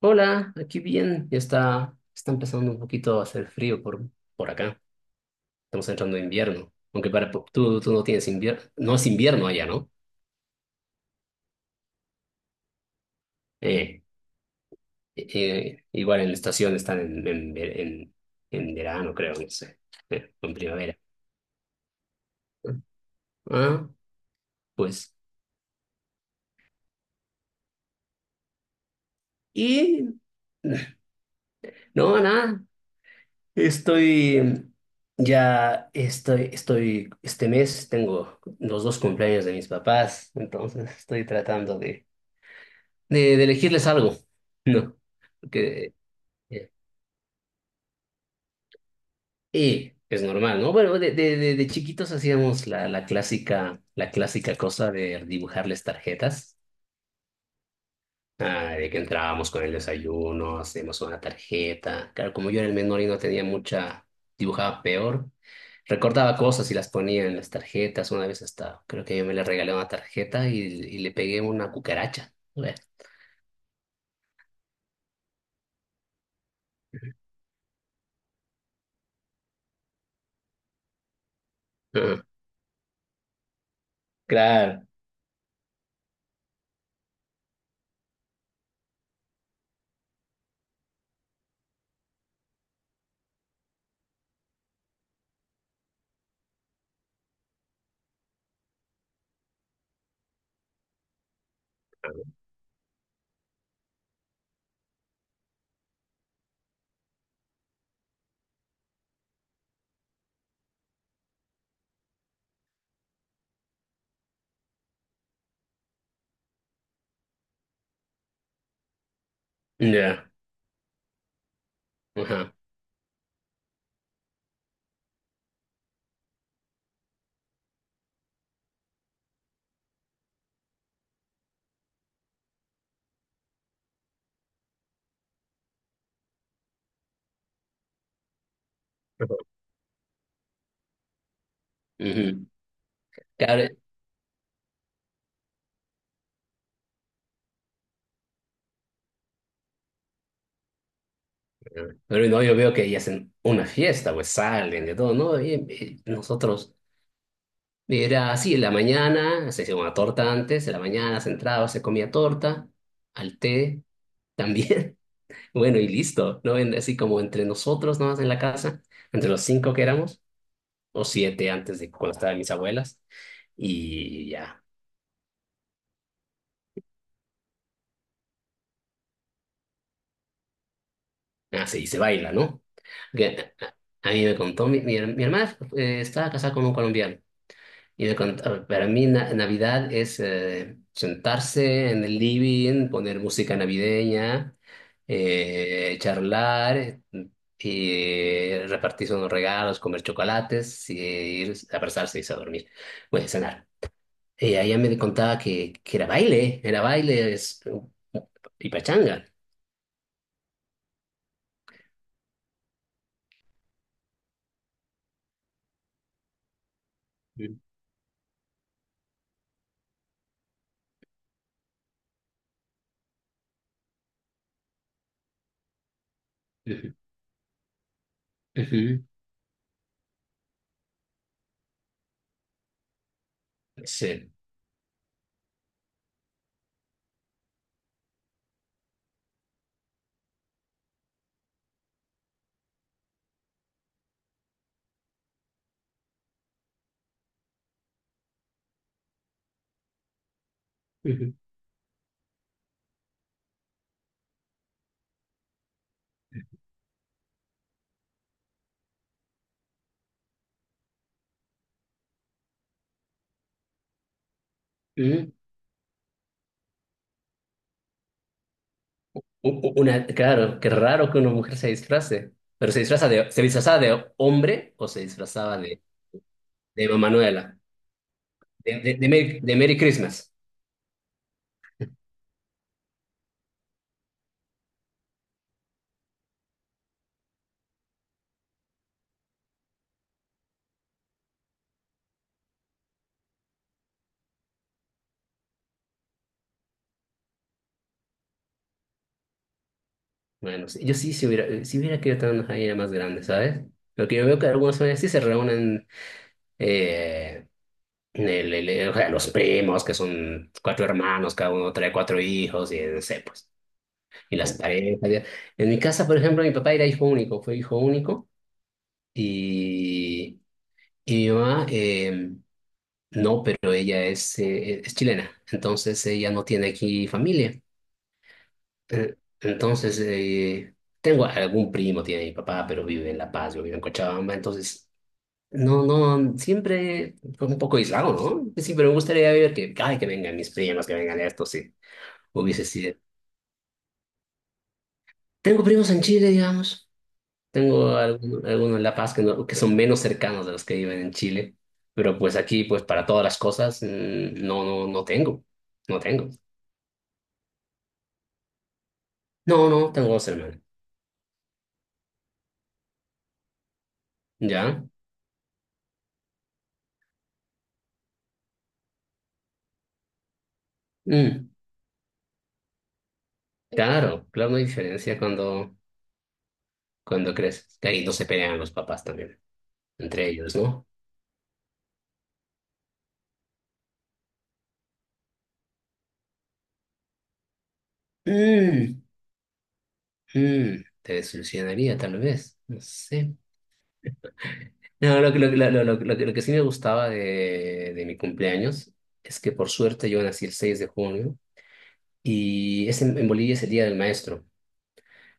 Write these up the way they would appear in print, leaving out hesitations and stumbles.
Hola, aquí bien. Está empezando un poquito a hacer frío por acá. Estamos entrando en invierno. Aunque tú no tienes invierno, no es invierno allá, ¿no? Eh, Igual en la estación están en verano, creo, no sé, o en primavera. Ah, pues. Y no, nada. Estoy ya estoy, estoy, Este mes tengo los dos cumpleaños de mis papás, entonces estoy tratando de elegirles algo, ¿no? Porque eh, y es normal, ¿no? Bueno, de chiquitos hacíamos la clásica cosa de dibujarles tarjetas. Ah, de que entrábamos con el desayuno, hacíamos una tarjeta. Claro, como yo era el menor y no tenía mucha, dibujaba peor. Recordaba cosas y las ponía en las tarjetas. Una vez hasta, creo que yo me le regalé una tarjeta y le pegué una cucaracha. Bueno. Ajá. Claro. Ya. Ajá. Ujú. Claro, pero no, yo veo que ellas hacen una fiesta, pues salen de todo, ¿no? Y nosotros, era así, en la mañana se hacía una torta antes, en la mañana se entraba, se comía torta, al té también, bueno, y listo, ¿no? Así como entre nosotros nomás en la casa, entre los cinco que éramos, o siete antes de cuando estaban mis abuelas, y ya, así, y se baila, ¿no? Que- a a mí me contó, mi hermana estaba casada con un colombiano. Y de cont- a- para mí na- Navidad es sentarse en el living, poner música navideña, charlar, y repartirse unos regalos, comer chocolates, y ir a abrazarse y irse a dormir. Bueno, cenar. Y ella me contaba que era baile, y pachanga. Ujú, ujú, ujú, sí. Ujú. Una, claro, qué raro que una mujer se disfrace, pero se disfrazaba de hombre o se disfrazaba de mamá Manuela, de Merry Christmas. Bueno, sí, yo sí, si hubiera querido tener una familia más grande, ¿sabes? Lo que yo veo que algunas familias sí se reúnen, eh, en el- o sea, los primos, que son cuatro hermanos, cada uno trae cuatro hijos, y no sé, pues, y las parejas. Ya. En mi casa, por ejemplo, mi papá era hijo único, fue hijo único, y, y mi mamá. No, pero ella es chilena, entonces ella no tiene aquí familia. Entonces, tengo algún primo, tiene mi papá, pero vive en La Paz, yo vivo en Cochabamba, entonces, no, no, siempre fue un poco aislado, ¿no? Sí, pero me gustaría ver que, ay, que vengan mis primos, que vengan estos, sí, hubiese sido. Tengo primos en Chile, digamos, tengo algunos en La Paz que, no- que son menos cercanos de los que viven en Chile, pero pues aquí, pues para todas las cosas, no, no, no tengo, no tengo. No, no, tengo dos hermanos. ¿Ya? Mm, claro, claro, no hay diferencia cuando creces. Que ahí no se pelean los papás también, entre ellos, ¿no? Mm, Te desilusionaría, tal vez. No sé. No, lo, que- lo, que- lo que sí me gustaba de mi cumpleaños es que por suerte yo nací el 6 de junio y en Bolivia es el Día del Maestro.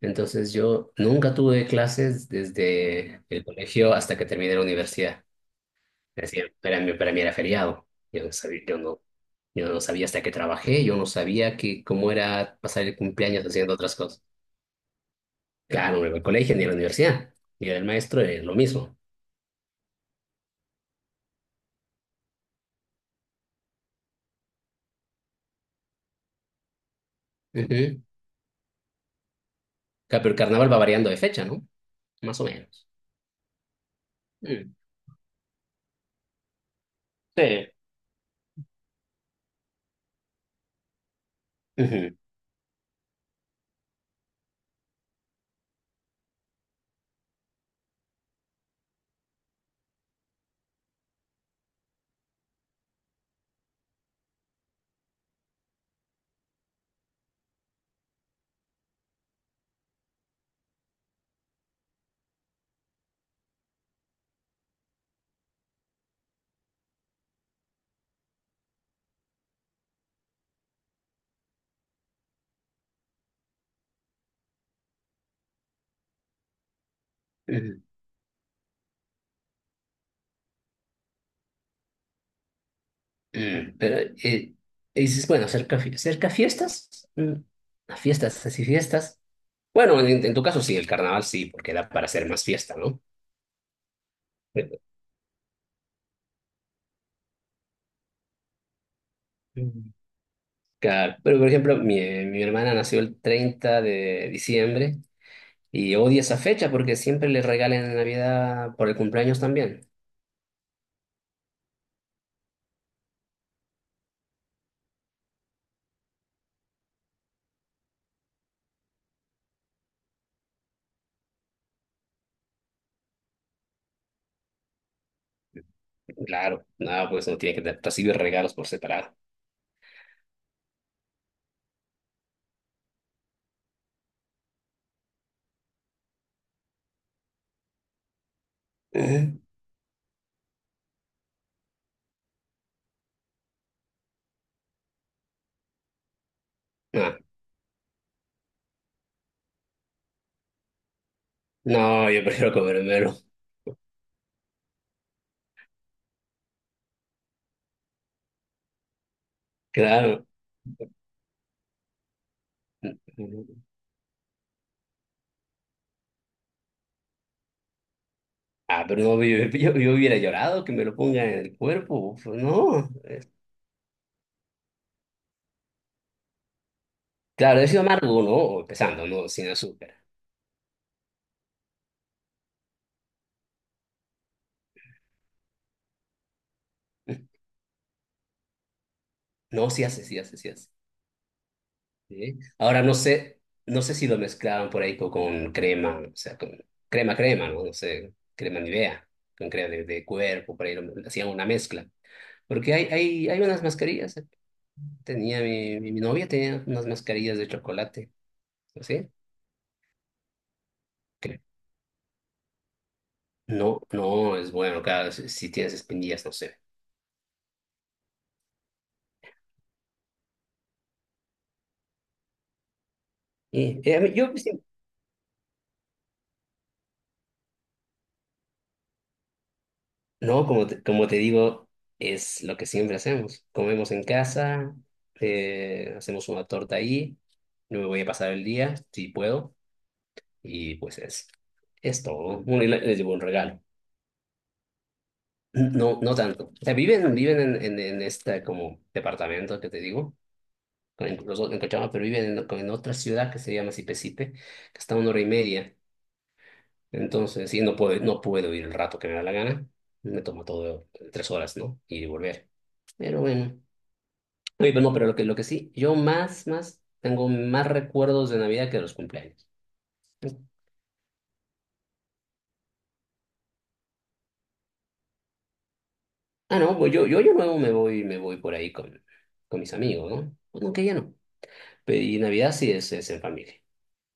Entonces yo nunca tuve clases desde el colegio hasta que terminé la universidad. Decía, para mí era feriado. Yo no sabía, yo no, yo no sabía hasta que trabajé, yo no sabía cómo era pasar el cumpleaños haciendo otras cosas. Claro, no iba al colegio ni a la universidad. Y era el maestro, es lo mismo. Ujú. Claro, pero el carnaval va variando de fecha, ¿no? Más o menos. Mm, sí. Ujú, ujú, ujú. Pero eh, dices, bueno, cerca, cerca fiestas, a fiestas, así fiestas. Bueno, en tu caso sí, el carnaval sí, porque da para hacer más fiesta, ¿no? Claro, pero por ejemplo, mi hermana nació el 30 de diciembre y odia esa fecha porque siempre le regalan en Navidad por el cumpleaños también. Claro, no, pues no tiene que recibir regalos por separado. ¿Eh? No, no, yo prefiero comérmelo. Claro. Ah, pero no, yo hubiera llorado que me lo pongan en el cuerpo. Pues no. Claro, he sido amargo, ¿no? Empezando, ¿no? Sin azúcar. No, sí hace, sí hace, sí hace. Sí. Ahora no sé si lo mezclaban por ahí con crema, o sea, con crema, ¿no? No sé, crema Nivea, con crema de cuerpo, por ahí hacían una mezcla. Porque hay unas mascarillas, ¿eh? Mi novia tenía unas mascarillas de chocolate, ¿sí? Que no, no es bueno, claro, si tienes espinillas, no sé. Yo sí. No, como te digo, es lo que siempre hacemos. Comemos en casa, hacemos una torta ahí, me voy a pasar el día, si puedo, y pues es todo. Bueno, y les llevo un regalo. No, no tanto. O sea, viven en, este como departamento que te digo, en Cochabamba, pero viven en otra ciudad que se llama Sipesipe, que está a una hora y media. Entonces, sí, no puedo ir el rato que me da la gana. Me toma todo 3 horas, ¿no? Ir y volver. Pero bueno. Oye, pero no, pero lo que sí, tengo más recuerdos de Navidad que de los cumpleaños. Ah, no, pues yo luego me voy por ahí con mis amigos, ¿no? Pues no, que ya no. Pero y Navidad sí es en familia.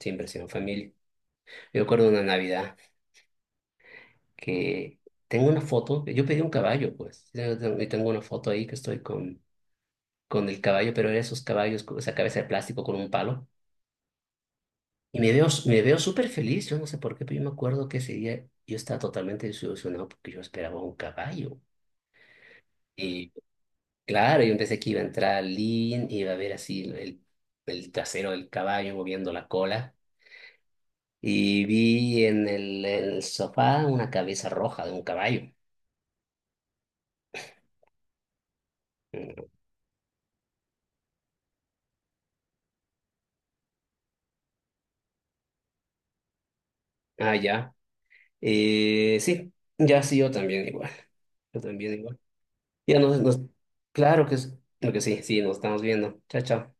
Siempre ha sido en familia. Yo recuerdo una Navidad que tengo una foto, yo pedí un caballo, pues. Yo tengo una foto ahí que estoy con el caballo, pero era esos caballos, con esa cabeza de plástico con un palo. Y me veo súper feliz, yo no sé por qué, pero yo me acuerdo que ese día yo estaba totalmente desilusionado porque yo esperaba un caballo. Y claro, yo pensé que iba a entrar Lin, iba a ver así el trasero del caballo moviendo la cola. Y vi en el sofá una cabeza roja de un caballo. Mm, ah, ya. Sí, ya sí, yo también igual. Yo también igual. Ya, nos, nos, claro que, es- creo que sí, sí, nos estamos viendo. Chao, chao.